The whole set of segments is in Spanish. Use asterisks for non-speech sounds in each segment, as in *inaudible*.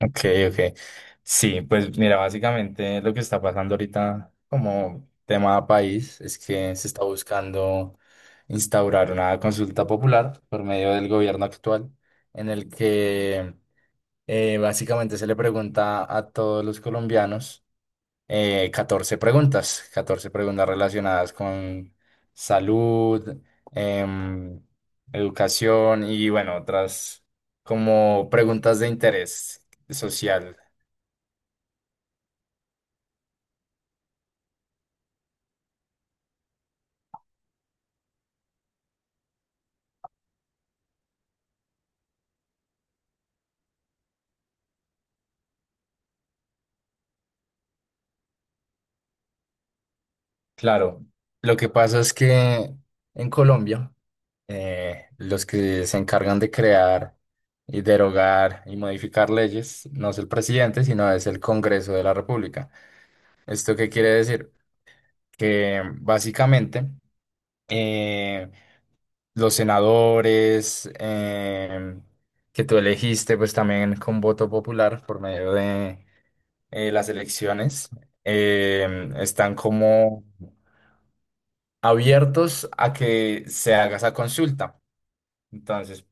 Ok, ok. Sí, pues mira, básicamente lo que está pasando ahorita como tema país es que se está buscando instaurar una consulta popular por medio del gobierno actual, en el que básicamente se le pregunta a todos los colombianos 14 preguntas, 14 preguntas relacionadas con salud, em, educación y bueno, otras como preguntas de interés social. Claro, lo que pasa es que en Colombia los que se encargan de crear y derogar y modificar leyes no es el presidente, sino es el Congreso de la República. ¿Esto qué quiere decir? Que básicamente eh, los senadores que tú elegiste, pues también con voto popular por medio de las elecciones, están como abiertos a que se haga esa consulta. Entonces,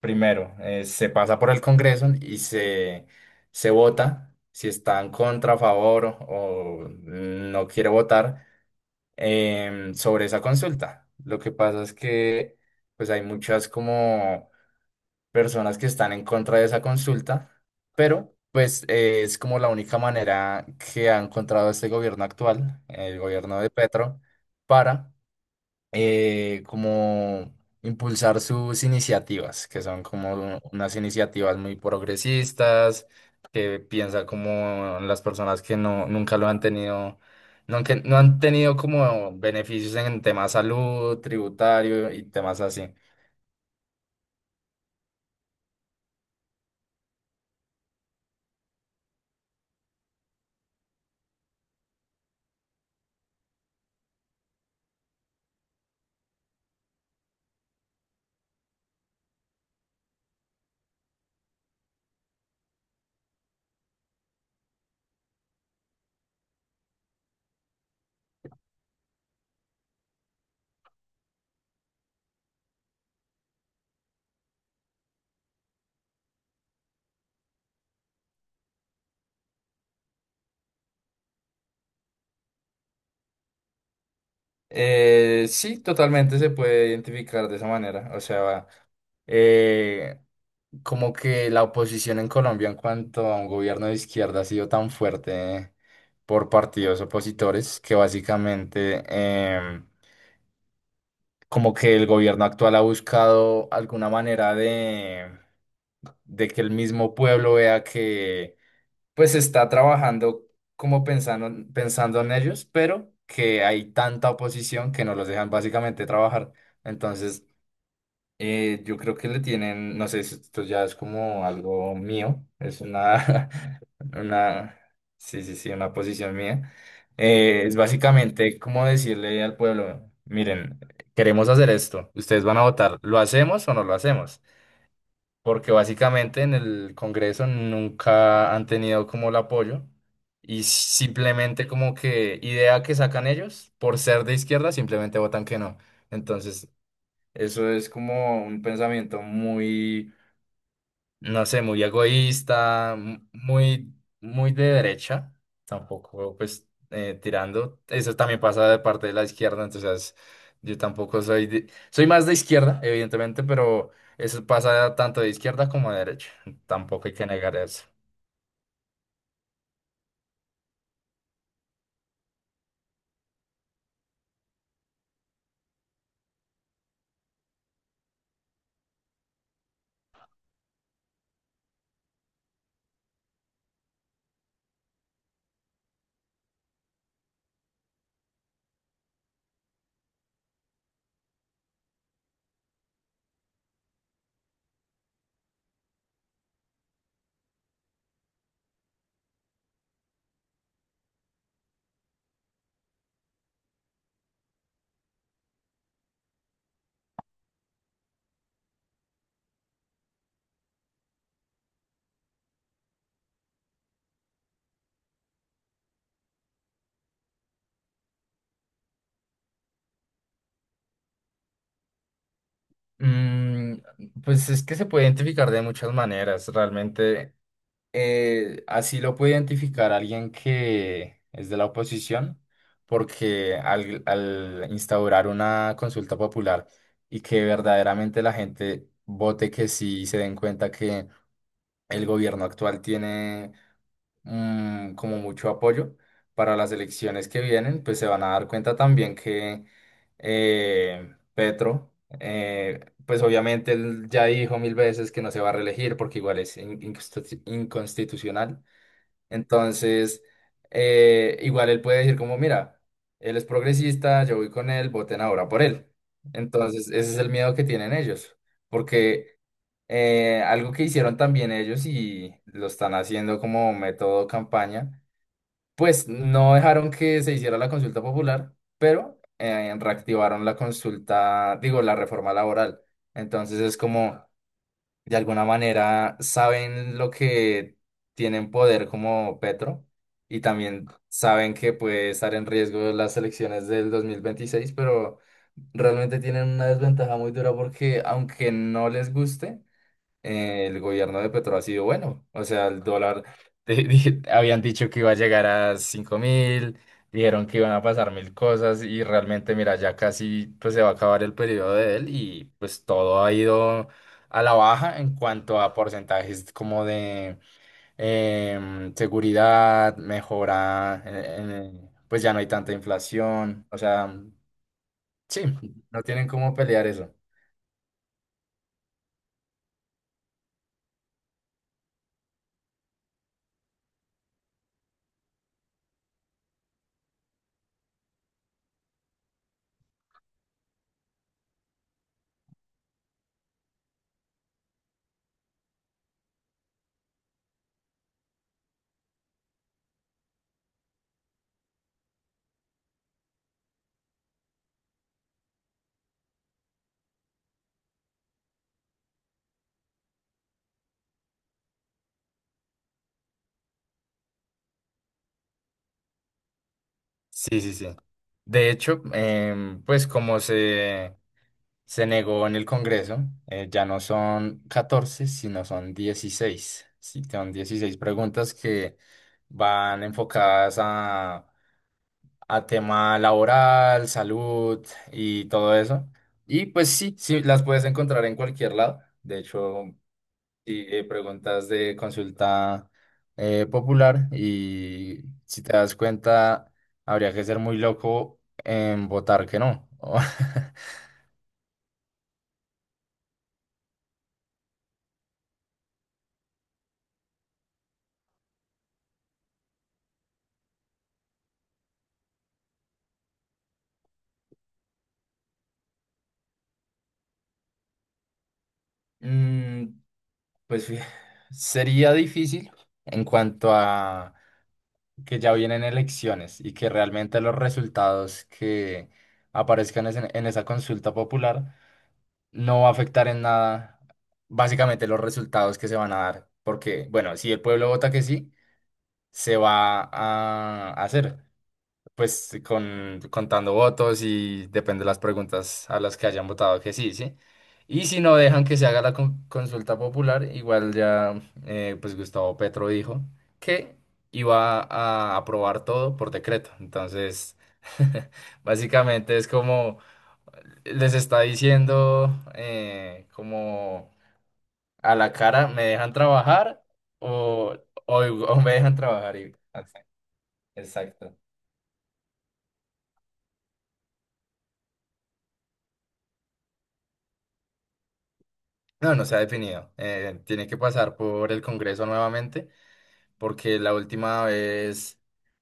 primero, se pasa por el Congreso y se vota si está en contra, a favor o no quiere votar sobre esa consulta. Lo que pasa es que pues hay muchas como personas que están en contra de esa consulta, pero pues es como la única manera que ha encontrado este gobierno actual, el gobierno de Petro, para como impulsar sus iniciativas, que son como unas iniciativas muy progresistas, que piensa como en las personas que no, nunca lo han tenido, no, que no han tenido como beneficios en temas salud, tributario y temas así. Sí, totalmente se puede identificar de esa manera. O sea, eh, como que la oposición en Colombia en cuanto a un gobierno de izquierda ha sido tan fuerte por partidos opositores que básicamente como que el gobierno actual ha buscado alguna manera de que el mismo pueblo vea que pues está trabajando como pensando, pensando en ellos, pero que hay tanta oposición que no los dejan básicamente trabajar. Entonces yo creo que le tienen, no sé si esto ya es como algo mío, es una, *laughs* una, sí, sí, sí, una posición mía. Es básicamente como decirle al pueblo, miren, queremos hacer esto, ustedes van a votar, ¿lo hacemos o no lo hacemos? Porque básicamente en el Congreso nunca han tenido como el apoyo y simplemente como que idea que sacan ellos, por ser de izquierda, simplemente votan que no. Entonces... eso es como un pensamiento muy, no sé, muy egoísta, muy, muy de derecha, tampoco pues tirando. Eso también pasa de parte de la izquierda, entonces yo tampoco soy más de izquierda, evidentemente, pero eso pasa tanto de izquierda como de derecha. Tampoco hay que negar eso. Mm, pues es que se puede identificar de muchas maneras, realmente. Así lo puede identificar alguien que es de la oposición, porque al instaurar una consulta popular y que verdaderamente la gente vote que sí y se den cuenta que el gobierno actual tiene mm, como mucho apoyo para las elecciones que vienen, pues se van a dar cuenta también que Petro, pues obviamente él ya dijo mil veces que no se va a reelegir porque igual es inconstitucional. Entonces, igual él puede decir como, mira, él es progresista, yo voy con él, voten ahora por él. Entonces, ese es el miedo que tienen ellos, porque algo que hicieron también ellos y lo están haciendo como método campaña, pues no dejaron que se hiciera la consulta popular, pero reactivaron la reforma laboral. Entonces es como, de alguna manera saben lo que tienen poder como Petro y también saben que puede estar en riesgo las elecciones del 2026, pero realmente tienen una desventaja muy dura porque aunque no les guste, el gobierno de Petro ha sido bueno. O sea, el dólar, *laughs* habían dicho que iba a llegar a 5000, dijeron que iban a pasar mil cosas y realmente, mira, ya casi pues se va a acabar el periodo de él y pues todo ha ido a la baja en cuanto a porcentajes como de seguridad, mejora, pues ya no hay tanta inflación. O sea, sí, no tienen cómo pelear eso. Sí, sí, sí. De hecho, pues se negó en el Congreso, ya no son 14 sino son 16. Sí, son 16 preguntas que van enfocadas a tema laboral, salud y todo eso. Y pues sí, sí, las puedes encontrar en cualquier lado. De hecho, sí, preguntas de consulta popular y si te das cuenta, habría que ser muy loco en votar que no. *laughs* Mm, pues fí- sería difícil en cuanto a que ya vienen elecciones y que realmente los resultados que aparezcan en esa consulta popular no va a afectar en nada básicamente los resultados que se van a dar. Porque, bueno, si el pueblo vota que sí, se va a hacer, pues contando votos y depende de las preguntas a las que hayan votado que sí, ¿sí? Y si no dejan que se haga la consulta popular, igual ya, pues Gustavo Petro dijo que iba a aprobar todo por decreto. Entonces, *laughs* básicamente es como les está diciendo, como a la cara, ¿me dejan trabajar o, o me dejan trabajar? Y, exacto. No, no se ha definido. Tiene que pasar por el Congreso nuevamente, porque la última vez,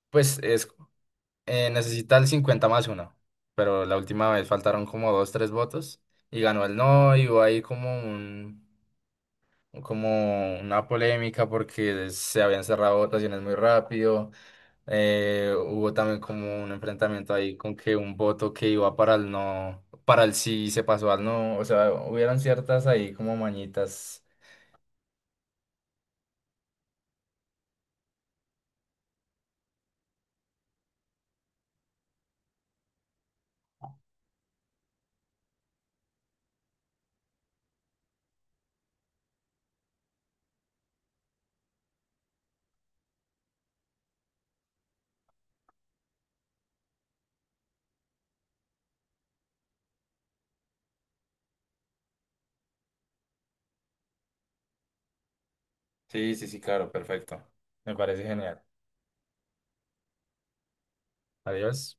pues, es, necesita el 50 más 1, pero la última vez faltaron como dos, tres votos y ganó el no y hubo ahí como un, como una polémica porque se habían cerrado votaciones muy rápido. Hubo también como un enfrentamiento ahí con que un voto que iba para el no, para el sí se pasó al no. O sea, hubieron ciertas ahí como mañitas. Sí, sí, sí, claro, perfecto. Me parece genial. Adiós.